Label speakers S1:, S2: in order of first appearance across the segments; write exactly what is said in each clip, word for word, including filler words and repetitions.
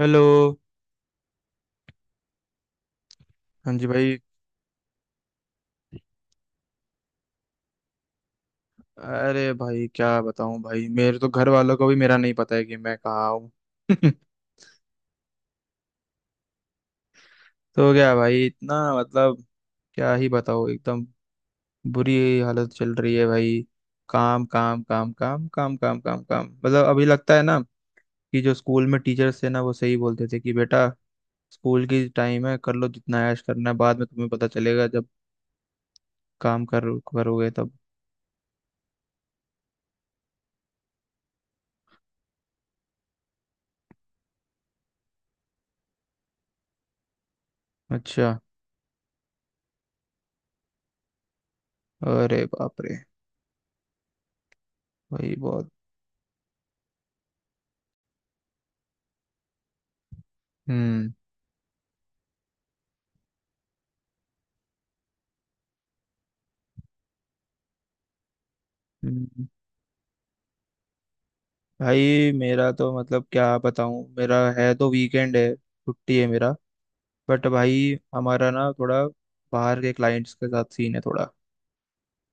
S1: Hello. हाँ जी भाई। अरे भाई क्या बताऊं भाई, मेरे तो घर वालों को भी मेरा नहीं पता है कि मैं कहाँ हूँ। तो क्या भाई, इतना मतलब क्या ही बताओ एकदम। बुरी हालत चल रही है भाई। काम काम काम काम काम काम काम काम मतलब अभी लगता है ना कि जो स्कूल में टीचर्स थे ना, वो सही बोलते थे कि बेटा स्कूल की टाइम है, कर लो जितना ऐश करना है, बाद में तुम्हें पता चलेगा जब काम कर करोगे तब। अच्छा। अरे बाप रे। भाई बहुत। हम्म। हम्म। भाई मेरा तो मतलब क्या बताऊं, मेरा है तो वीकेंड है, छुट्टी है मेरा। बट भाई हमारा ना थोड़ा बाहर के क्लाइंट्स के साथ सीन है थोड़ा,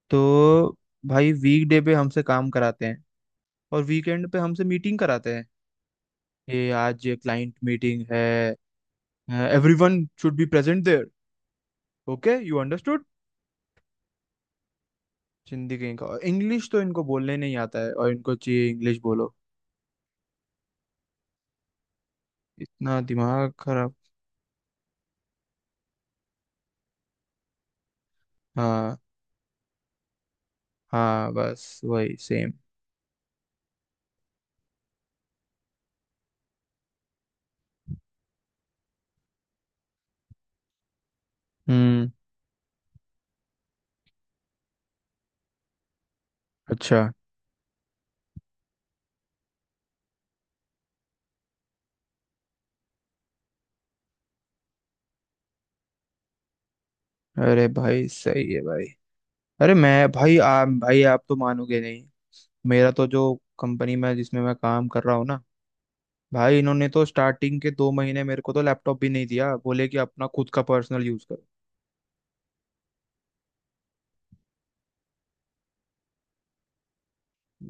S1: तो भाई वीकडे पे हमसे काम कराते हैं और वीकेंड पे हमसे मीटिंग कराते हैं। ये आज ये क्लाइंट मीटिंग है। Everyone should be present there. Okay you understood. जिंदगी का इंग्लिश तो इनको बोलने नहीं आता है और इनको चाहिए इंग्लिश बोलो। इतना दिमाग खराब। हाँ हाँ, बस वही सेम। हम्म। अच्छा। अरे भाई सही है भाई। अरे मैं भाई आ, भाई आप तो मानोगे नहीं। मेरा तो जो कंपनी में जिसमें मैं काम कर रहा हूँ ना, भाई इन्होंने तो स्टार्टिंग के दो महीने मेरे को तो लैपटॉप भी नहीं दिया, बोले कि अपना खुद का पर्सनल यूज करो।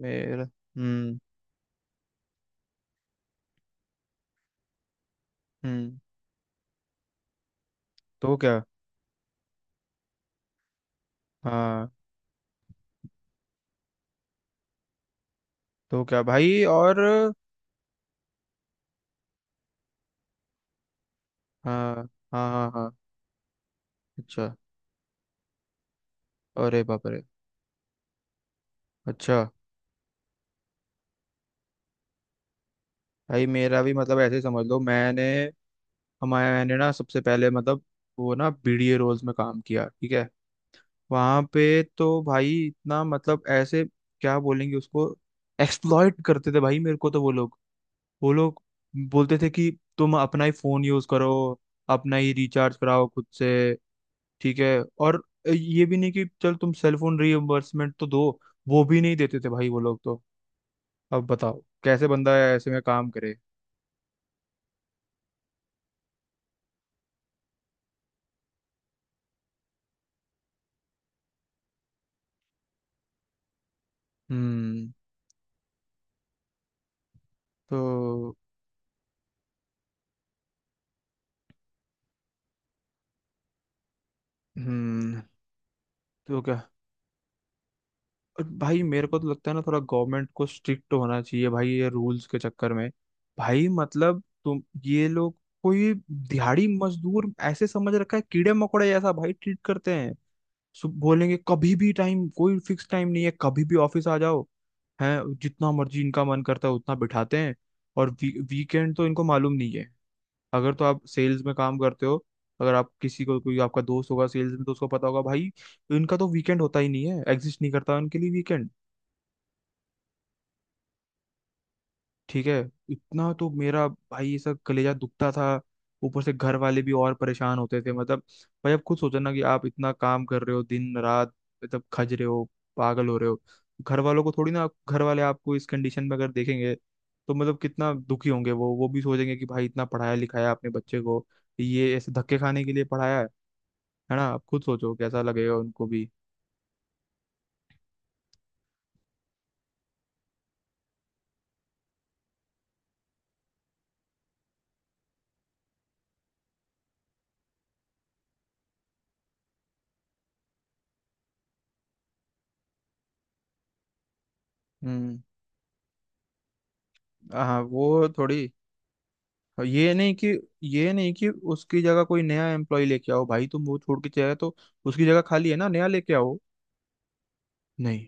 S1: मेरा। हम्म। हम्म। तो क्या। हाँ। तो क्या भाई और। हाँ हाँ हाँ हाँ। अच्छा। अरे बाप रे। अच्छा। भाई मेरा भी मतलब ऐसे समझ लो मैंने, हमारे मैंने ना सबसे पहले मतलब वो ना बीडीए रोल्स में काम किया, ठीक है। वहां पे तो भाई इतना मतलब ऐसे, क्या बोलेंगे उसको, एक्सप्लॉइट करते थे भाई मेरे को तो वो लोग। वो लोग बोलते थे कि तुम अपना ही फोन यूज करो, अपना ही रिचार्ज कराओ खुद से, ठीक है। और ये भी नहीं कि चल तुम सेल फोन रीइम्बर्समेंट तो दो, वो भी नहीं देते थे भाई वो लोग तो। अब बताओ कैसे बंदा ऐसे में काम करे। हम्म। तो। हम्म। तो क्या। और भाई मेरे को तो लगता है ना थोड़ा गवर्नमेंट को स्ट्रिक्ट होना चाहिए भाई, ये रूल्स के चक्कर में। भाई मतलब तुम ये लोग कोई दिहाड़ी मजदूर ऐसे समझ रखा है, कीड़े मकोड़े जैसा भाई ट्रीट करते हैं। सु- बोलेंगे कभी भी, टाइम कोई फिक्स टाइम नहीं है, कभी भी ऑफिस आ जाओ। हैं, जितना मर्जी इनका मन करता है उतना बिठाते हैं। और वी, वीकेंड तो इनको मालूम नहीं है। अगर तो आप सेल्स में काम करते हो, अगर आप किसी को, कोई आपका दोस्त होगा सेल्स में, तो उसको पता होगा भाई, इनका तो वीकेंड होता ही नहीं है, एग्जिस्ट नहीं करता उनके लिए वीकेंड। ठीक है। इतना तो मेरा भाई ऐसा कलेजा दुखता था। ऊपर से घर वाले भी और परेशान होते थे, मतलब भाई अब खुद सोचो ना कि आप इतना काम कर रहे हो दिन रात, मतलब खज रहे हो, पागल हो रहे हो। घर वालों को थोड़ी ना, घर वाले आपको इस कंडीशन में अगर देखेंगे तो मतलब कितना दुखी होंगे वो वो भी सोचेंगे कि भाई इतना पढ़ाया लिखाया आपने बच्चे को, ये ऐसे धक्के खाने के लिए पढ़ाया है। है ना, आप खुद सोचो कैसा लगेगा उनको भी। हम्म। हाँ वो थोड़ी। और ये नहीं कि, ये नहीं कि उसकी जगह कोई नया एम्प्लॉय लेके आओ भाई, तुम वो छोड़ के चले गए तो उसकी जगह खाली है ना, नया लेके आओ। नहीं।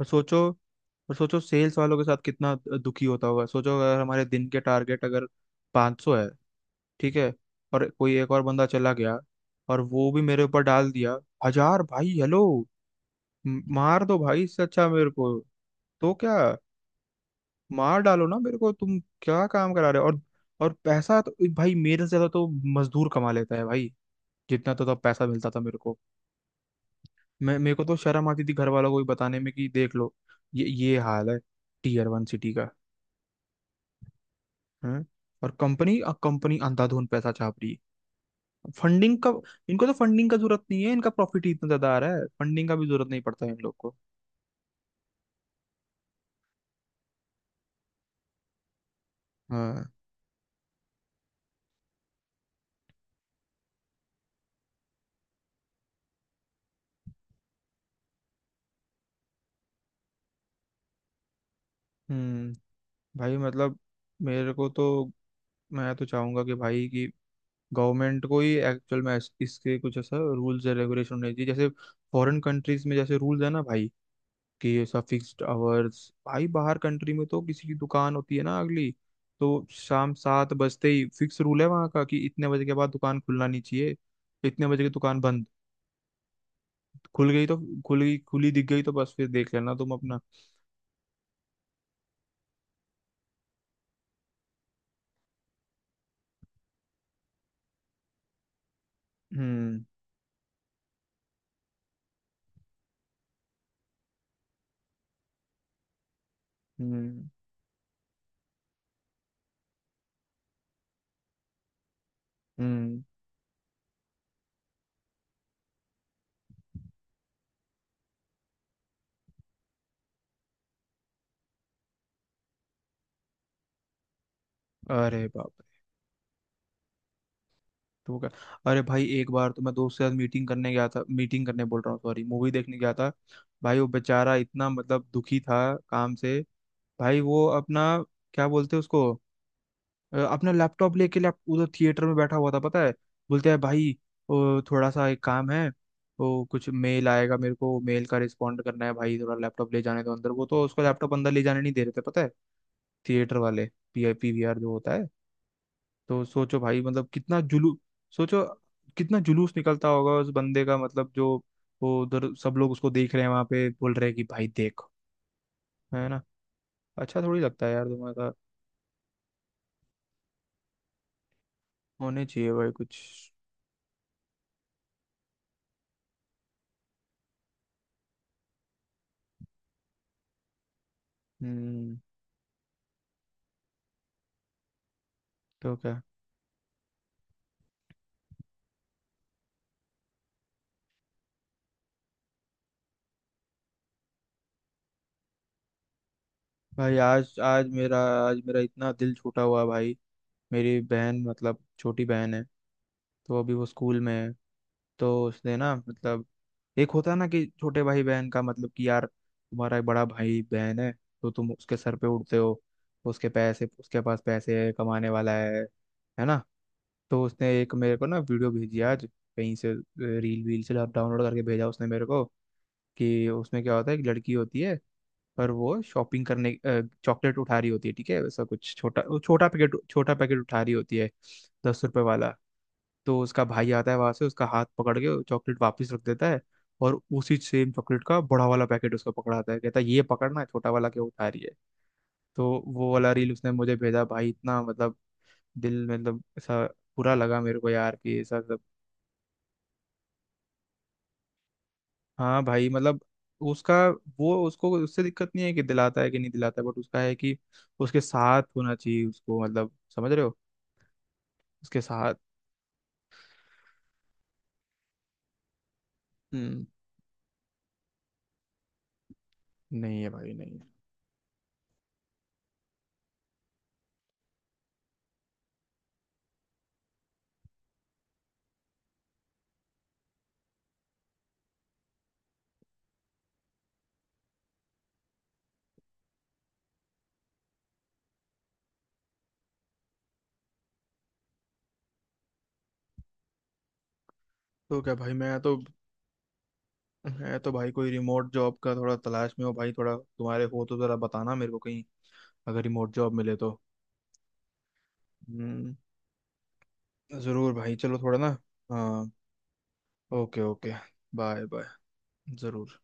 S1: और सोचो, और सोचो सेल्स वालों के साथ कितना दुखी होता होगा, सोचो अगर हमारे दिन के टारगेट अगर पाँच सौ है, ठीक है, और कोई एक और बंदा चला गया और वो भी मेरे ऊपर डाल दिया, हजार भाई, हेलो। म- मार दो भाई, इससे अच्छा मेरे को। तो क्या। मार डालो ना मेरे को, तुम क्या काम करा रहे हो और। और पैसा तो भाई मेरे से ज्यादा तो मजदूर कमा लेता है भाई, जितना तो तब पैसा मिलता था मेरे को। मैं मेरे को तो शर्म आती थी घर वालों को भी बताने में कि देख लो ये ये हाल है टीयर वन सिटी का। हैं। और कंपनी, कंपनी अंधाधुन पैसा छाप रही है। फंडिंग का, इनको तो फंडिंग का जरूरत नहीं है, इनका प्रॉफिट ही इतना ज्यादा आ रहा है, फंडिंग का भी जरूरत नहीं पड़ता है इन लोग को। हाँ। हम्म। भाई मतलब मेरे को तो, मैं तो चाहूंगा कि भाई, कि गवर्नमेंट को ही एक्चुअल में इस- इसके कुछ ऐसा रूल्स एंड रेगुलेशन होने चाहिए, जैसे फॉरेन कंट्रीज में जैसे रूल्स है ना भाई, कि ऐसा फिक्स्ड आवर्स, भाई बाहर कंट्री में तो किसी की दुकान होती है ना अगली, तो शाम सात बजते ही फिक्स रूल है वहाँ का कि इतने बजे के बाद दुकान खुलना नहीं चाहिए, इतने बजे की दुकान बंद। खुल गई तो, खुल गई, खुली दिख गई तो बस फिर देख लेना तुम अपना। हम्म। हम्म। हम्म। अरे बाप रे। तो क्या। अरे भाई एक बार तो मैं दोस्त के साथ मीटिंग करने गया था, मीटिंग करने बोल रहा हूँ सॉरी, मूवी देखने गया था। भाई वो बेचारा इतना मतलब दुखी था काम से। भाई वो अपना, क्या बोलते हैं उसको, अ, अपना लैपटॉप लेके लैप उधर थिएटर में बैठा हुआ था पता है। बोलते हैं भाई ओ, थोड़ा सा एक काम है, वो कुछ मेल आएगा मेरे को, मेल का रिस्पॉन्ड करना है भाई थोड़ा लैपटॉप ले जाने दो अंदर। वो तो उसको लैपटॉप अंदर ले जाने नहीं दे रहे थे पता है, थिएटर वाले, P I P V R जो होता है। तो सोचो भाई मतलब कितना जुलू सोचो कितना जुलूस निकलता होगा उस बंदे का, मतलब जो, वो उधर सब लोग उसको देख रहे हैं वहां पे, बोल रहे हैं कि भाई देखो, है ना, अच्छा थोड़ी लगता है यार तुम्हारा। होने चाहिए भाई कुछ। हम्म। तो क्या। भाई आज, आज मेरा, आज मेरा इतना दिल छूटा हुआ है भाई। मेरी बहन, मतलब छोटी बहन है, तो अभी वो स्कूल में है, तो उसने ना मतलब, एक होता है ना कि छोटे भाई बहन का मतलब कि यार तुम्हारा एक बड़ा भाई बहन है, तो तुम उसके सर पे उड़ते हो, उसके पैसे, उसके पास पैसे है कमाने वाला है है ना। तो उसने एक मेरे को ना वीडियो भेजी आज, कहीं से रील वील से डाउनलोड करके भेजा उसने मेरे को, कि उसमें क्या होता है, एक लड़की होती है, पर वो शॉपिंग करने चॉकलेट उठा रही होती है, ठीक है, वैसा कुछ छोटा, वो छोटा पैकेट, छोटा पैकेट उठा रही होती है, दस रुपए वाला। तो उसका भाई आता है वहां से, उसका हाथ पकड़ के चॉकलेट वापस रख देता है और उसी सेम चॉकलेट का बड़ा वाला पैकेट उसको पकड़ाता है, कहता है ये पकड़ना है, छोटा वाला क्यों उठा रही है। तो वो वाला रील उसने मुझे भेजा भाई, इतना मतलब दिल मतलब ऐसा बुरा लगा मेरे को यार कि ऐसा सब। हाँ भाई मतलब उसका, वो उसको उससे दिक्कत नहीं है कि दिलाता है कि नहीं दिलाता है, बट उसका है कि उसके साथ होना चाहिए उसको, मतलब समझ रहे हो, उसके साथ। हम्म। नहीं है भाई नहीं है। तो क्या भाई, मैं तो, मैं तो भाई कोई रिमोट जॉब का थोड़ा तलाश में हो भाई थोड़ा, तुम्हारे हो तो जरा बताना मेरे को कहीं, अगर रिमोट जॉब मिले तो। हम्म। जरूर भाई, चलो थोड़ा ना। हाँ। Okay okay. Bye bye. जरूर।